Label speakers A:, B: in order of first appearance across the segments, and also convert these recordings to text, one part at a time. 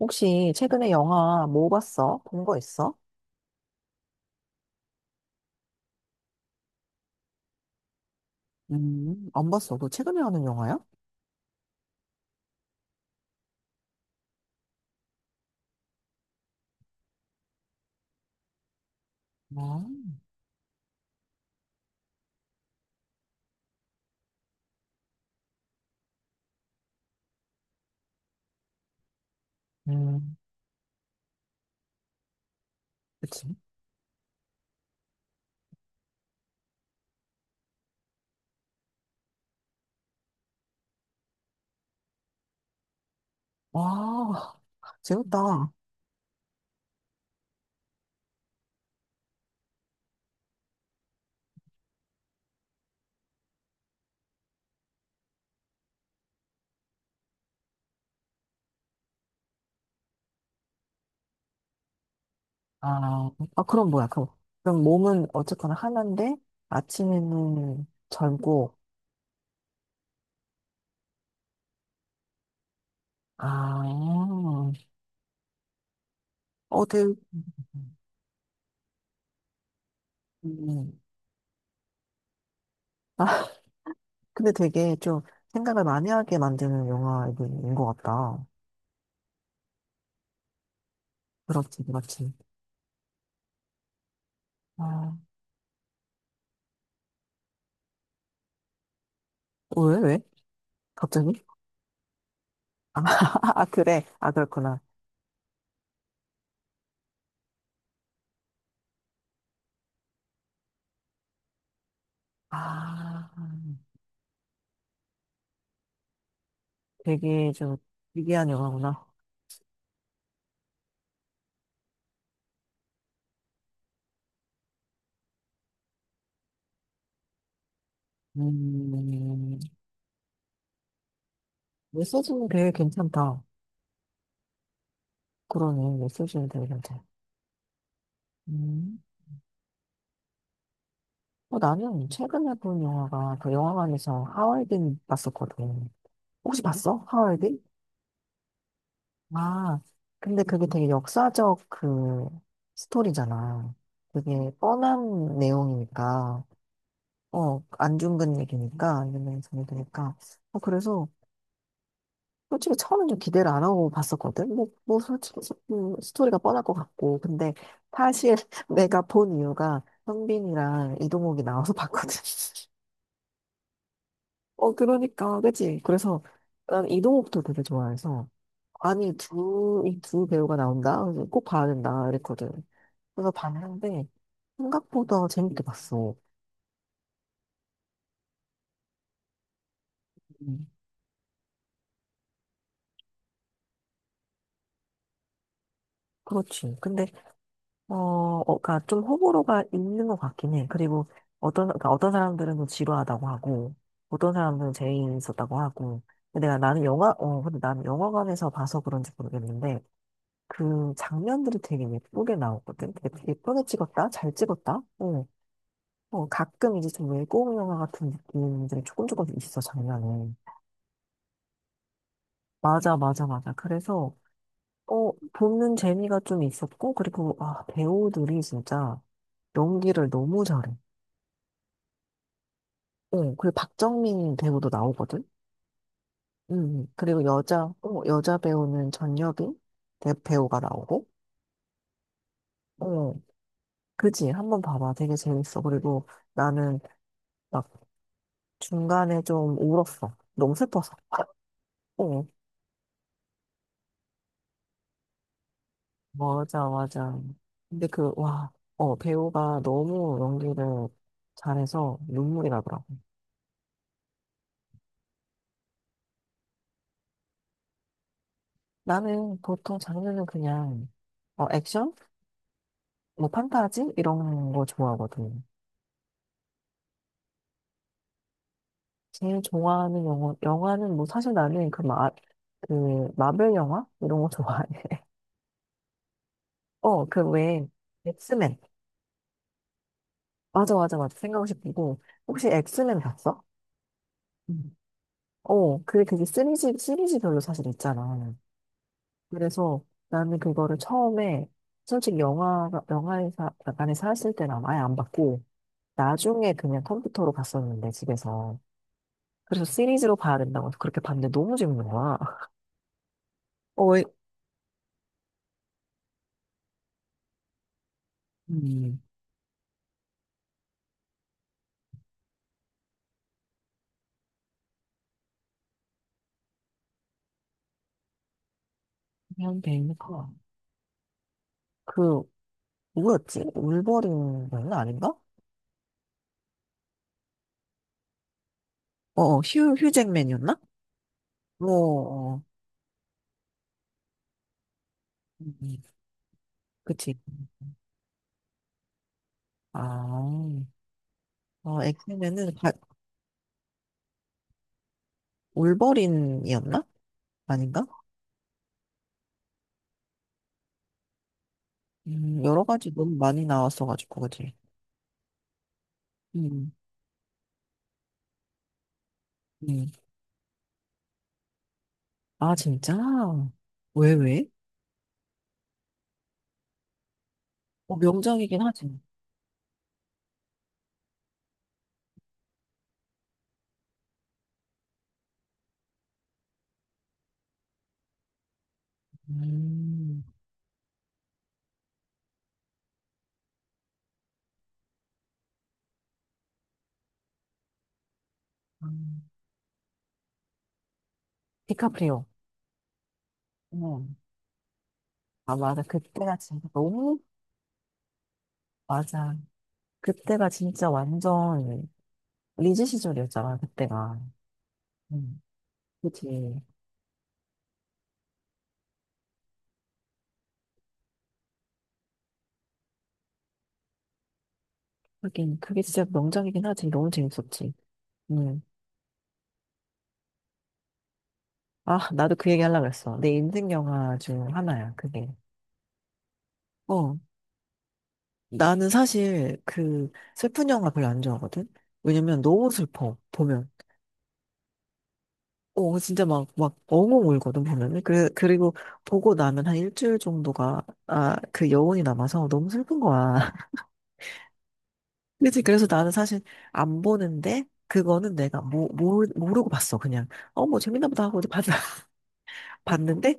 A: 혹시 최근에 영화 뭐 봤어? 본 거 있어? 안 봤어. 너 최근에 하는 영화야? 뭐, 음, 그치. 와, 재밌다. 아, 그럼 뭐야, 그럼. 그럼 몸은 어쨌거나 하나인데, 아침에는 젊고, 아, 어, 되게, 음, 아, 근데 되게 좀 생각을 많이 하게 만드는 영화인 것 같다. 그렇지, 그렇지. 아, 왜? 갑자기? 아, 아, 그래. 아, 그렇구나. 아, 되게 저 특이한 영화구나. 음, 메시지는 되게 괜찮다. 그러네, 메시지는 되게 괜찮아. 음, 어, 나는 최근에 본 영화가 그 영화관에서 하와이든 봤었거든. 혹시 봤어? 하와이든? 아, 근데 그게 되게 역사적 그 스토리잖아. 되게 뻔한 내용이니까, 어, 안중근 얘기니까, 안중근 얘되니까 어, 그래서 솔직히 처음엔 좀 기대를 안 하고 봤었거든. 뭐, 솔직히, 스토리가 뻔할 것 같고. 근데 사실 내가 본 이유가 형빈이랑 이동욱이 나와서 봤거든. 어, 그러니까, 그치? 그래서 난 이동욱도 되게 좋아해서. 아니, 이 두 배우가 나온다? 그래서 꼭 봐야 된다. 이랬거든. 그래서 봤는데, 생각보다 재밌게 봤어. 음, 그렇지. 근데 어, 어, 그러니까 좀 호불호가 있는 것 같긴 해. 그리고 어떤, 그러니까 어떤 사람들은 좀 지루하다고 하고, 어떤 사람들은 재미있었다고 하고. 근데 내가 나는 영화, 어, 근데 나는 영화관에서 봐서 그런지 모르겠는데, 그 장면들이 되게 예쁘게 나오거든. 되게 예쁘게 찍었다? 잘 찍었다? 어, 어, 가끔 이제 좀 외국 영화 같은 느낌들이 조금 있어, 장면에. 맞아, 맞아, 맞아. 그래서, 어, 보는 재미가 좀 있었고, 그리고, 아, 배우들이 진짜 연기를 너무 잘해. 어, 그리고 박정민 배우도 나오거든? 그리고 여자, 어, 여자 배우는 전여빈 배우가 나오고, 어, 그지? 한번 봐봐. 되게 재밌어. 그리고 나는 막 중간에 좀 울었어. 너무 슬퍼서. 어, 맞아, 맞아. 근데 그, 와, 어, 배우가 너무 연기를 잘해서 눈물이 나더라고. 나는 보통 장르는 그냥, 어, 액션? 뭐, 판타지? 이런 거 좋아하거든. 제일 좋아하는 영화, 영화는 뭐 사실 나는 그 마블 영화? 이런 거 좋아해. 어, 그 왜, 엑스맨. 맞아, 맞아, 맞아. 생각하싶고 혹시 엑스맨 봤어? 응. 어, 그게 시리즈별로 사실 있잖아. 그래서 나는 그거를 처음에, 솔직히 안에서 했을 때는 아예 안 봤고, 나중에 그냥 컴퓨터로 봤었는데, 집에서. 그래서 시리즈로 봐야 된다고 해서 그렇게 봤는데 너무 재밌는 거야. 어, 음, 그냥 베인 커. 그 누구였지? 울버린은 아닌가? 어, 어, 휴잭맨이었나? 어, 어. 음, 음. 그치. 아, 어, 울버린이었나? 아닌가? 여러 가지 너무 많이 나왔어가지고, 그치. 음, 음. 아, 진짜? 왜, 왜? 어, 명작이긴 하지. 음, 음. 디카프리오. 음. 아, 맞아. 그때가 진짜 너무, 맞아. 그때가 진짜 완전 리즈 시절이었잖아, 그때가. 음. 그치. 하긴, 그게 진짜 명작이긴 하지. 너무 재밌었지. 음. 아, 나도 그 얘기 하려고 했어. 내 인생 영화 중 하나야, 그게. 어. 나는 사실 그 슬픈 영화 별로 안 좋아하거든? 왜냐면 너무 슬퍼, 보면. 어, 진짜 막, 막 엉엉 울거든, 보면은. 그, 그리고 보고 나면 한 1주일 정도가, 아, 그 여운이 남아서 너무 슬픈 거야. 그치. 그래서 나는 사실 안 보는데, 그거는 내가 모르고 봤어, 그냥. 어, 뭐 재밌나 보다 하고 이제 봤, 봤는데,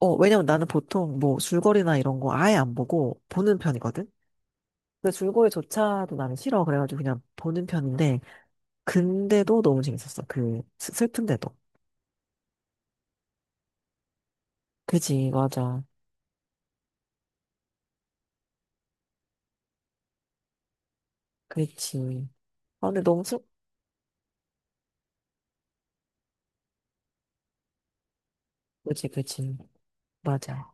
A: 어, 왜냐면 나는 보통 뭐 줄거리나 이런 거 아예 안 보고 보는 편이거든? 근데 줄거리조차도 나는 싫어. 그래가지고 그냥 보는 편인데, 근데도 너무 재밌었어. 슬픈데도. 그지, 맞아. 그렇지. 아, 근데 너무 슬, 그지, 그지. 맞아.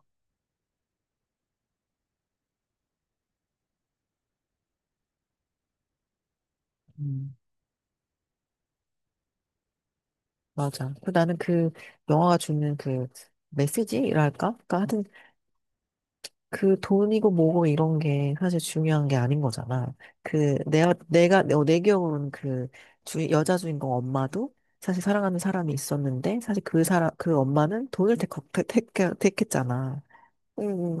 A: 음, 맞아. 그 나는 그 영화가 주는 그 메시지랄까? 그러니까 하여튼 그 돈이고 뭐고 이런 게 사실 중요한 게 아닌 거잖아. 그 내가 어, 내 기억으로는 그 주, 여자 주인공 엄마도 사실 사랑하는 사람이 있었는데 사실 그 사람 그 엄마는 돈을 택, 택, 택, 택했잖아. 응, 응.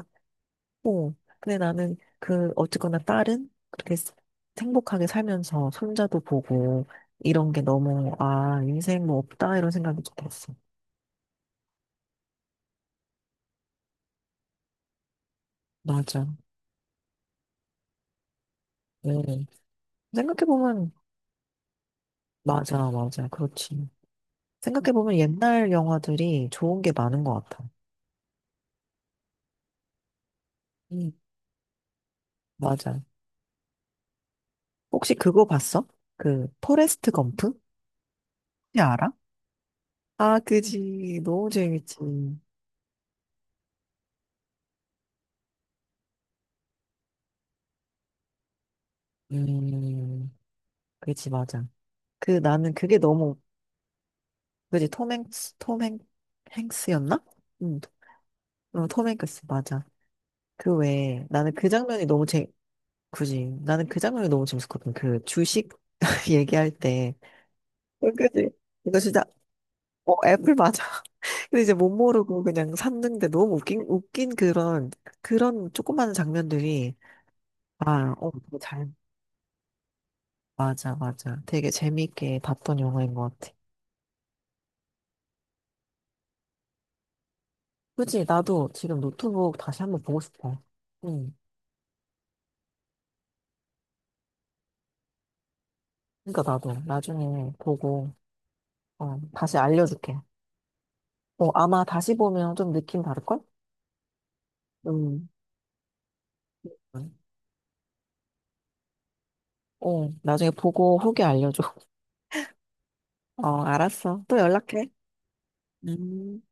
A: 어. 근데 나는 그 어쨌거나 딸은 그렇게 행복하게 살면서 손자도 보고 이런 게 너무 아 인생 뭐 없다 이런 생각이 좀 들었어. 맞아. 응. 생각해 보면 맞아 맞아 그렇지. 생각해보면 옛날 영화들이 좋은 게 많은 것 같아. 음. 맞아. 혹시 그거 봤어? 그, 포레스트 검프? 혹시 알아? 아, 그지. 너무 재밌지. 음, 그지, 맞아. 그, 나는 그게 너무, 그지, 톰 행스, 톰 행, 행스였나? 응, 어, 톰 행크스, 맞아. 그 외에, 나는 그 장면이 너무 재, 그지. 나는 그 장면이 너무 재밌었거든. 그, 주식 얘기할 때. 어, 그지. 이거 진짜, 어, 애플 맞아. 근데 이제 못 모르고 그냥 샀는데 너무 웃긴 그런, 그런 조그마한 장면들이, 아, 어, 그 잘, 맞아, 맞아. 되게 재밌게 봤던 영화인 것 같아. 그치, 나도 지금 노트북 다시 한번 보고 싶어. 응. 그러니까 나도 나중에 보고, 어, 다시 알려줄게. 어, 아마 다시 보면 좀 느낌 다를걸? 응. 어, 나중에 보고 후기 알려줘. 어, 알았어. 또 연락해. 음.